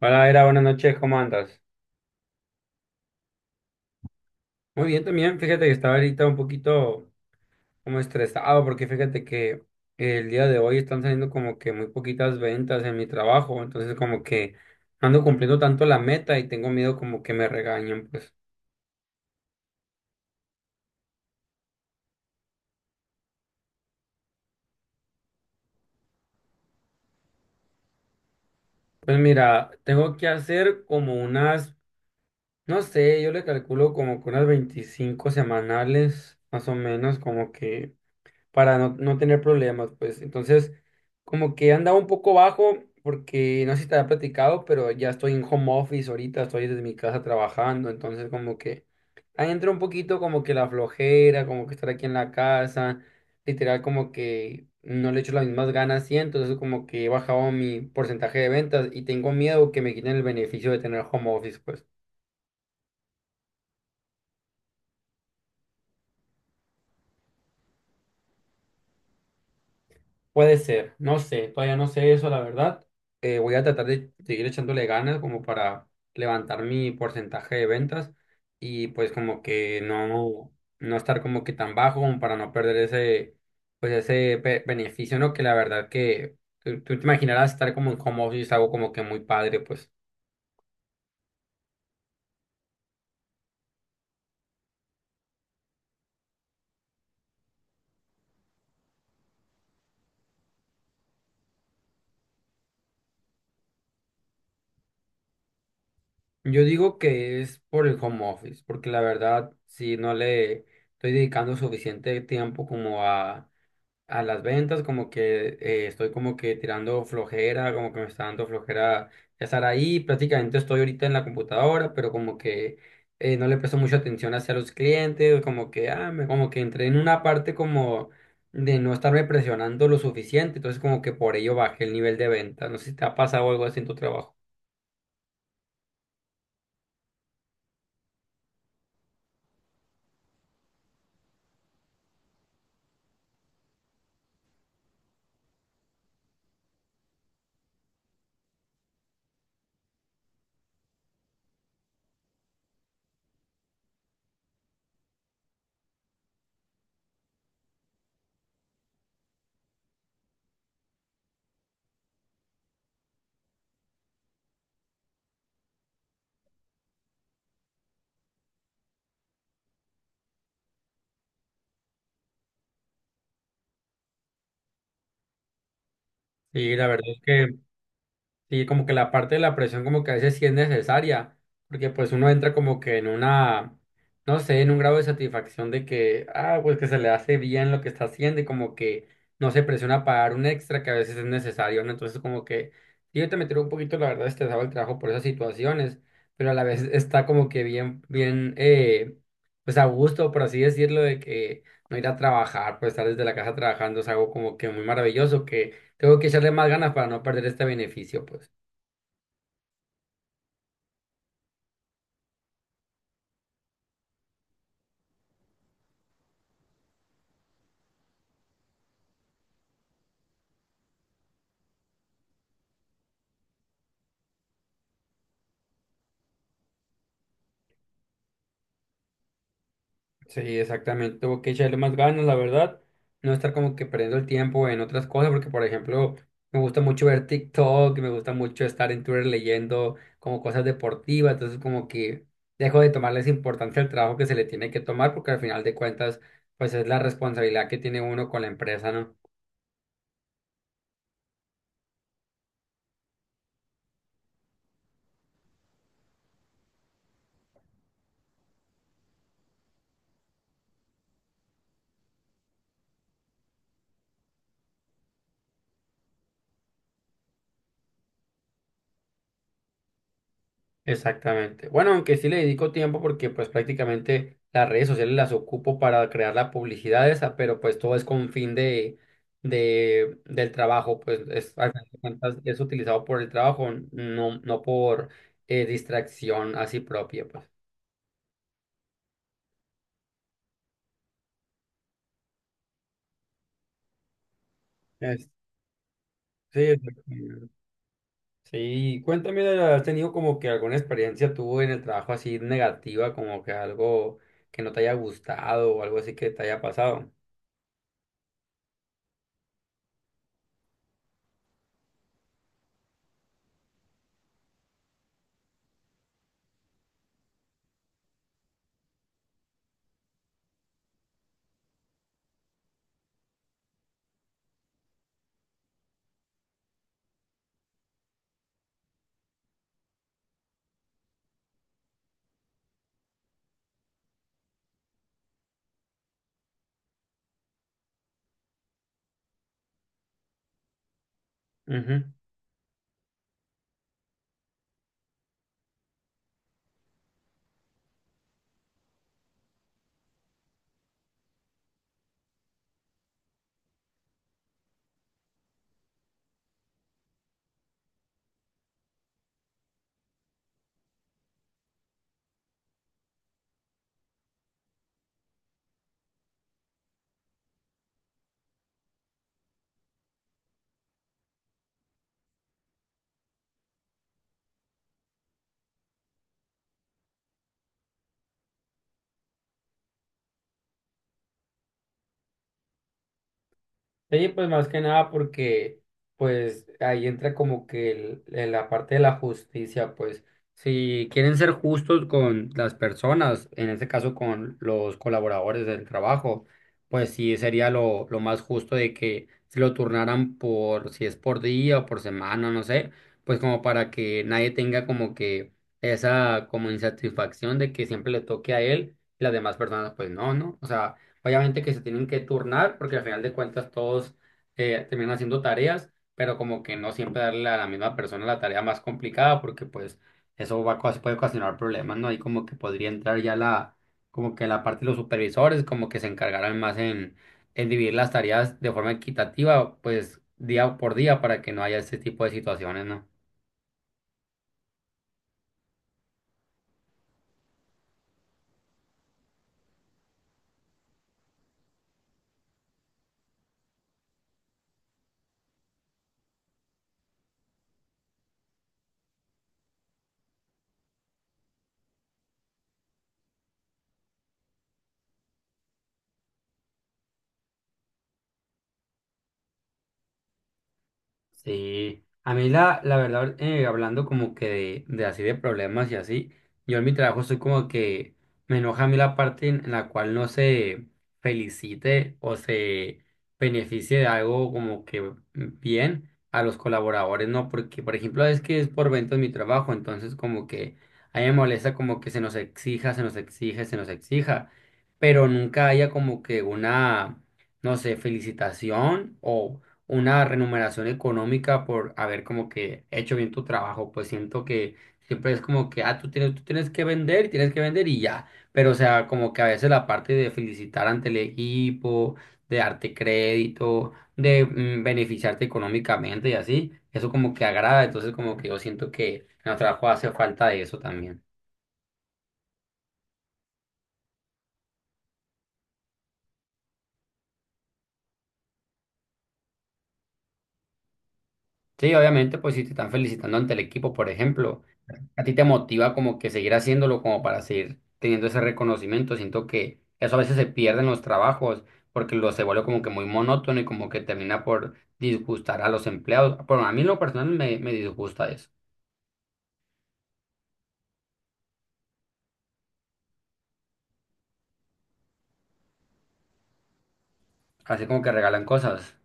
Hola, Era, buenas noches, ¿cómo andas? Muy bien también, fíjate que estaba ahorita un poquito como estresado porque fíjate que el día de hoy están saliendo como que muy poquitas ventas en mi trabajo, entonces como que no ando cumpliendo tanto la meta y tengo miedo como que me regañen, pues. Pues mira, tengo que hacer como unas, no sé, yo le calculo como que unas 25 semanales, más o menos, como que para no tener problemas, pues. Entonces, como que andaba un poco bajo, porque no sé si te había platicado, pero ya estoy en home office ahorita, estoy desde mi casa trabajando, entonces como que ahí entra un poquito como que la flojera, como que estar aquí en la casa, literal como que no le echo las mismas ganas y entonces como que he bajado mi porcentaje de ventas y tengo miedo que me quiten el beneficio de tener home office, pues. Puede ser, no sé, todavía no sé eso, la verdad. Voy a tratar de seguir echándole ganas como para levantar mi porcentaje de ventas y pues como que no estar como que tan bajo como para no perder ese, pues ese beneficio, ¿no? Que la verdad que tú te imaginarás estar como en home office, es algo como que muy padre, pues. Yo digo que es por el home office, porque la verdad, si no le estoy dedicando suficiente tiempo como a las ventas, como que estoy como que tirando flojera, como que me está dando flojera estar ahí. Prácticamente estoy ahorita en la computadora, pero como que no le presto mucha atención hacia los clientes, como que, ah, como que entré en una parte como de no estarme presionando lo suficiente, entonces como que por ello bajé el nivel de venta. ¿No sé si te ha pasado algo así en tu trabajo? Sí, la verdad es que sí, como que la parte de la presión como que a veces sí es necesaria, porque pues uno entra como que en una, no sé, en un grado de satisfacción de que, ah, pues que se le hace bien lo que está haciendo y como que no se presiona a pagar un extra que a veces es necesario, ¿no? Entonces como que, sí, yo te metí un poquito, la verdad, estresado el trabajo por esas situaciones, pero a la vez está como que bien, bien, pues a gusto, por así decirlo, de que no ir a trabajar, pues estar desde la casa trabajando es algo como que muy maravilloso, que tengo que echarle más ganas para no perder este beneficio, pues. Sí, exactamente. Tengo que echarle más ganas, la verdad. No estar como que perdiendo el tiempo en otras cosas, porque por ejemplo, me gusta mucho ver TikTok, me gusta mucho estar en Twitter leyendo como cosas deportivas, entonces como que dejo de tomarles importancia al trabajo que se le tiene que tomar, porque al final de cuentas, pues es la responsabilidad que tiene uno con la empresa, ¿no? Exactamente. Bueno, aunque sí le dedico tiempo porque pues prácticamente las redes sociales las ocupo para crear la publicidad esa, pero pues todo es con fin de, del trabajo, pues es, al final de cuentas, es utilizado por el trabajo, no por distracción así propia, pues. Es- sí, exactamente. Sí, cuéntame, ¿has tenido como que alguna experiencia tú en el trabajo así negativa, como que algo que no te haya gustado o algo así que te haya pasado? Sí, pues más que nada porque pues ahí entra como que la parte de la justicia, pues si quieren ser justos con las personas, en este caso con los colaboradores del trabajo, pues sí sería lo más justo de que se lo turnaran por, si es por día o por semana, no sé, pues como para que nadie tenga como que esa como insatisfacción de que siempre le toque a él y las demás personas pues no, ¿no? O sea, obviamente que se tienen que turnar porque al final de cuentas todos terminan haciendo tareas, pero como que no siempre darle a la misma persona la tarea más complicada porque pues eso va, a puede ocasionar problemas, ¿no? Ahí como que podría entrar ya la, como que la parte de los supervisores, como que se encargarán más en dividir las tareas de forma equitativa, pues día por día para que no haya ese tipo de situaciones, ¿no? Sí, a mí la verdad, hablando como que de así de problemas y así, yo en mi trabajo soy como que me enoja a mí la parte en la cual no se felicite o se beneficie de algo como que bien a los colaboradores, ¿no? Porque, por ejemplo, es que es por ventas mi trabajo, entonces como que a mí me molesta como que se nos exija, se nos exige, se nos exija, pero nunca haya como que una no sé, felicitación o una remuneración económica por haber como que hecho bien tu trabajo, pues siento que siempre es como que, ah, tú tienes que vender, y tienes que vender y ya, pero o sea, como que a veces la parte de felicitar ante el equipo, de darte crédito, de mm, beneficiarte económicamente y así, eso como que agrada, entonces como que yo siento que en el trabajo hace falta de eso también. Sí, obviamente, pues si te están felicitando ante el equipo, por ejemplo. A ti te motiva como que seguir haciéndolo, como para seguir teniendo ese reconocimiento. Siento que eso a veces se pierde en los trabajos porque lo se vuelve como que muy monótono y como que termina por disgustar a los empleados. Bueno, a mí en lo personal me disgusta eso. Así como que regalan cosas.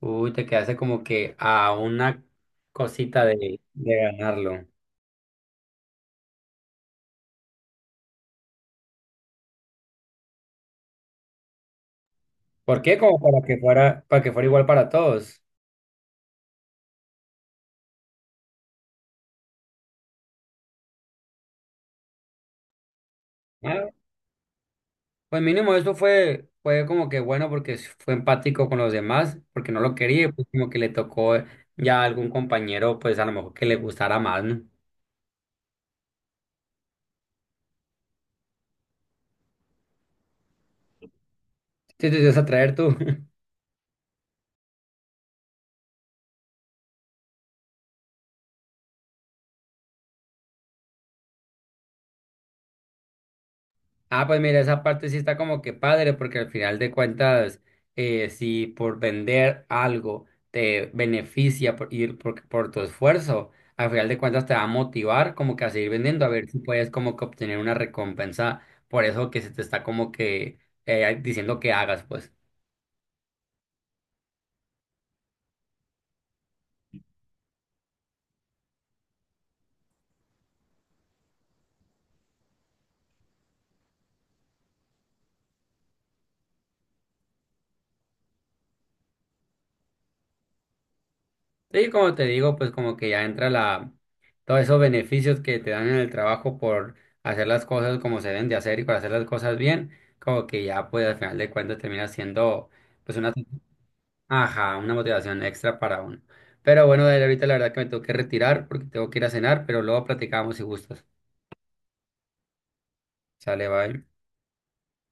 Uy, te quedaste como que a una cosita de ganarlo. ¿Por qué? Como para que fuera igual para todos. Ah, pues mínimo eso fue como que bueno porque fue empático con los demás, porque no lo quería, y pues como que le tocó ya algún compañero, pues a lo mejor que le gustara más, ¿no? Sí, te ibas a traer tú. Ah, pues mira, esa parte sí está como que padre, porque al final de cuentas, si por vender algo te beneficia por ir por tu esfuerzo, al final de cuentas te va a motivar como que a seguir vendiendo, a ver si puedes como que obtener una recompensa por eso que se te está como que diciendo que hagas, pues. Sí, como te digo, pues como que ya entra la, todos esos beneficios que te dan en el trabajo por hacer las cosas como se deben de hacer y por hacer las cosas bien, como que ya pues al final de cuentas termina siendo pues una, ajá, una motivación extra para uno. Pero bueno, Dani, ahorita la verdad que me tengo que retirar porque tengo que ir a cenar, pero luego platicamos si gustas. Sale, bye.